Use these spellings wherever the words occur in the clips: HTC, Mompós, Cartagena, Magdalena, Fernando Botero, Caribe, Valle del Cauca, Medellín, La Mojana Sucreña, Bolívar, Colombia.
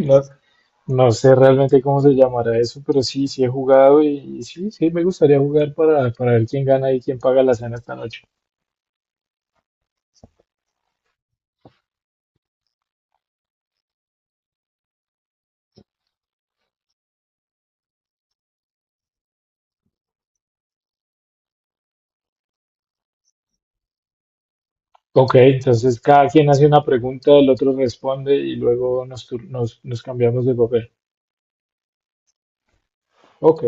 No, no sé realmente cómo se llamará eso, pero sí he jugado y sí me gustaría jugar para ver quién gana y quién paga la cena esta noche. Ok, entonces cada quien hace una pregunta, el otro responde y luego nos cambiamos de papel. Ok,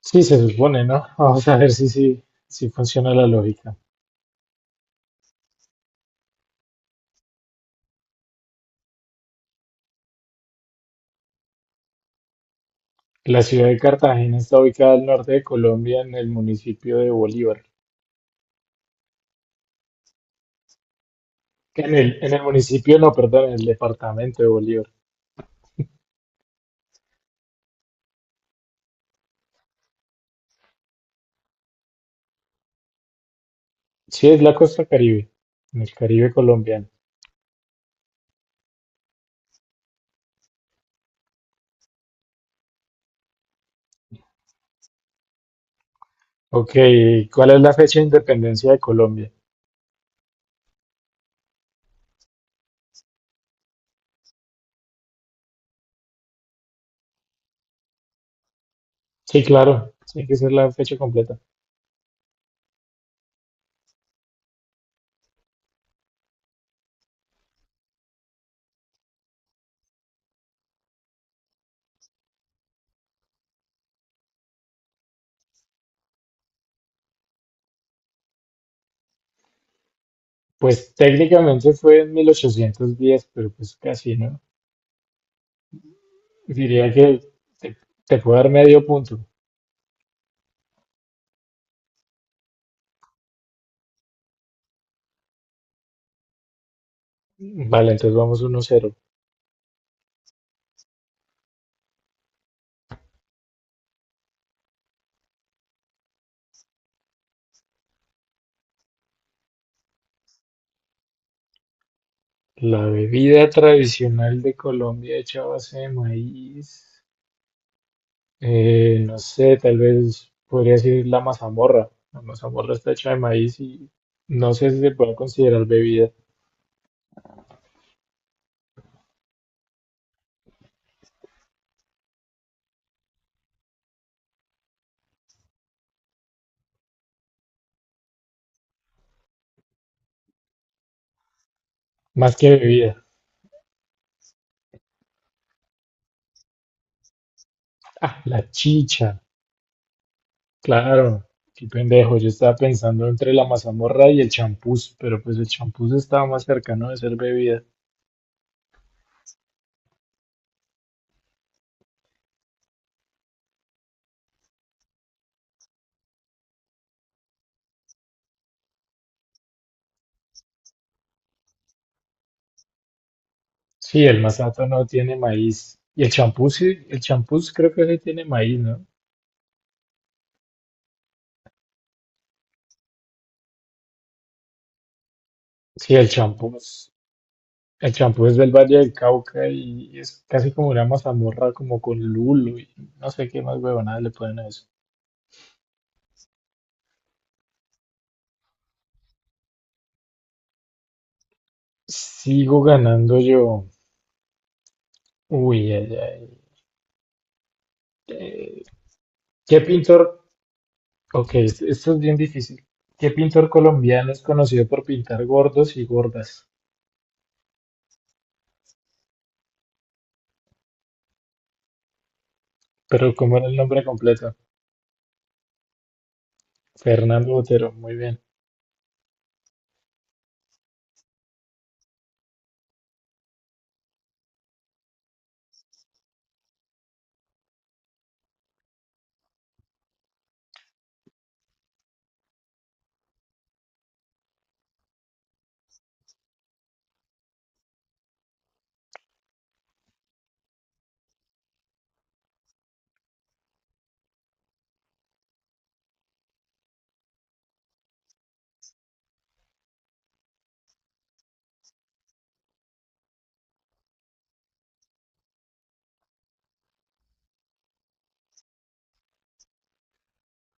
sí se supone, ¿no? Vamos a ver si funciona la lógica. La ciudad de Cartagena está ubicada al norte de Colombia en el municipio de Bolívar. En el municipio, no, perdón, en el departamento de Bolívar. Sí, es la costa Caribe, en el Caribe colombiano. Ok, ¿cuál es la fecha de independencia de Colombia? Sí, claro, tiene que ser la fecha completa. Pues técnicamente fue en 1810, pero pues casi, ¿no? Diría que te, te puedo dar medio punto. Vale, entonces vamos 1-0. La bebida tradicional de Colombia hecha a base de maíz, no sé, tal vez podría ser la mazamorra. La mazamorra está hecha de maíz y no sé si se puede considerar bebida, más que bebida. Ah, la chicha. Claro, qué pendejo. Yo estaba pensando entre la mazamorra y el champús, pero pues el champús estaba más cercano de ser bebida. Sí, el masato no tiene maíz. Y el champús, sí, el champús creo que sí tiene maíz, ¿no? Sí, el champús. El champús es del Valle del Cauca y es casi como una mazamorra, como con lulo y no sé qué más huevonadas le ponen a eso. Sigo ganando yo. Uy, ay, ay. Eh, ¿Qué pintor Ok, esto es bien difícil. ¿Qué pintor colombiano es conocido por pintar gordos y gordas? Pero ¿cómo era el nombre completo? Fernando Botero, muy bien.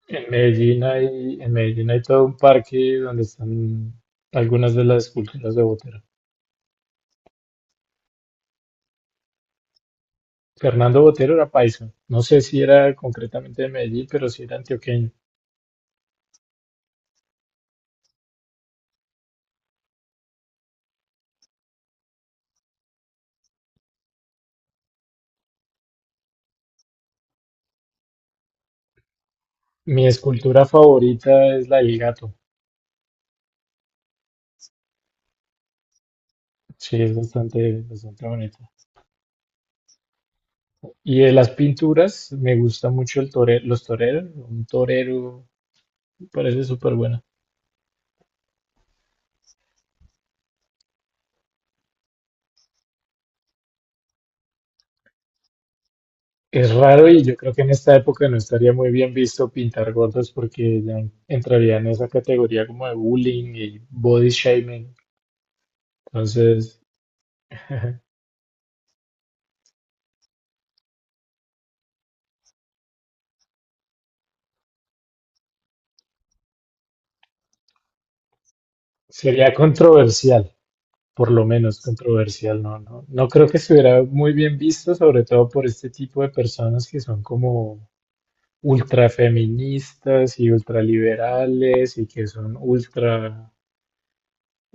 En Medellín hay todo un parque donde están algunas de las esculturas de Botero. Fernando Botero era paisa. No sé si era concretamente de Medellín, pero sí era antioqueño. Mi escultura favorita es la del gato. Sí, es bastante bonita. Y de las pinturas, me gusta mucho el torero, los toreros, un torero parece súper bueno. Es raro y yo creo que en esta época no estaría muy bien visto pintar gordos porque ya entraría en esa categoría como de bullying y body shaming. Entonces, ajá, sería controversial, por lo menos controversial, no creo que estuviera muy bien visto, sobre todo por este tipo de personas que son como ultrafeministas y ultraliberales y que son ultra.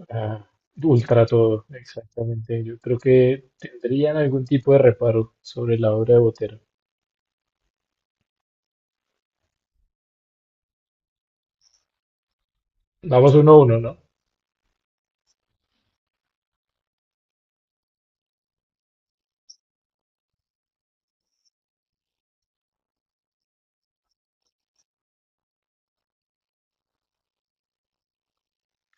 Ah, ultra todo, exactamente. Yo creo que tendrían algún tipo de reparo sobre la obra de Botero. Vamos 1-1, ¿no?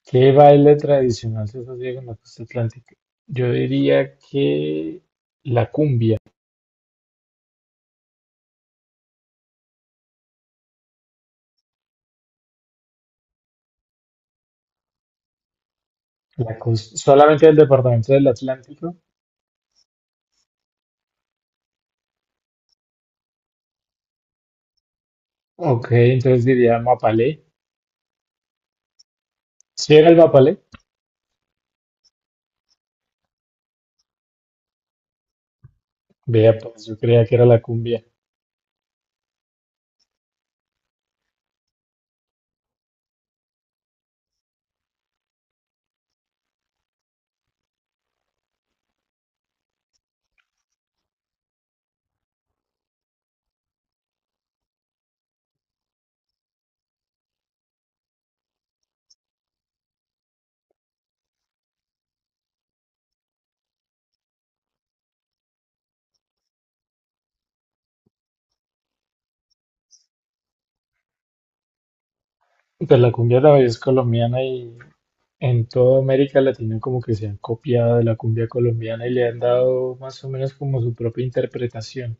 ¿Qué baile tradicional se asocia con la costa atlántica? Yo diría que la cumbia, solamente del departamento del Atlántico. Ok, entonces diría mapalé. ¿Sí era el mapalé? Vea, pues yo creía que era la cumbia. Pues la cumbia también es colombiana y en toda América Latina como que se han copiado de la cumbia colombiana y le han dado más o menos como su propia interpretación.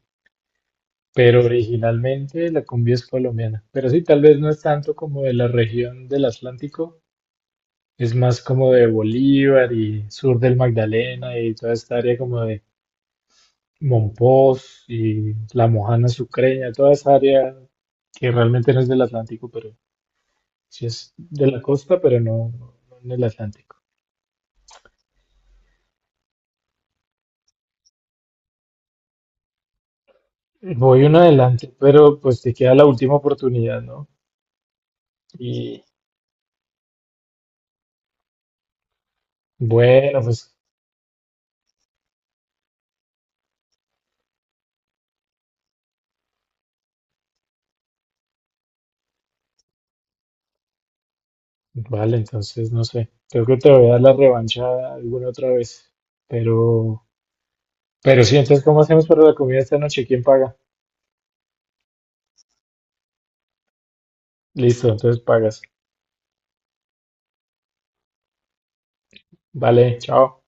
Pero originalmente la cumbia es colombiana. Pero sí, tal vez no es tanto como de la región del Atlántico, es más como de Bolívar y sur del Magdalena y toda esta área como de Mompós y La Mojana Sucreña, toda esa área que realmente no es del Atlántico, pero sí es de la costa, pero no en el Atlántico. Voy uno adelante, pero pues te queda la última oportunidad, ¿no? Y bueno, pues vale, entonces no sé. Creo que te voy a dar la revancha alguna otra vez. Pero, pero sí, entonces, ¿cómo hacemos para la comida esta noche? ¿Quién paga? Listo, entonces pagas. Vale, chao.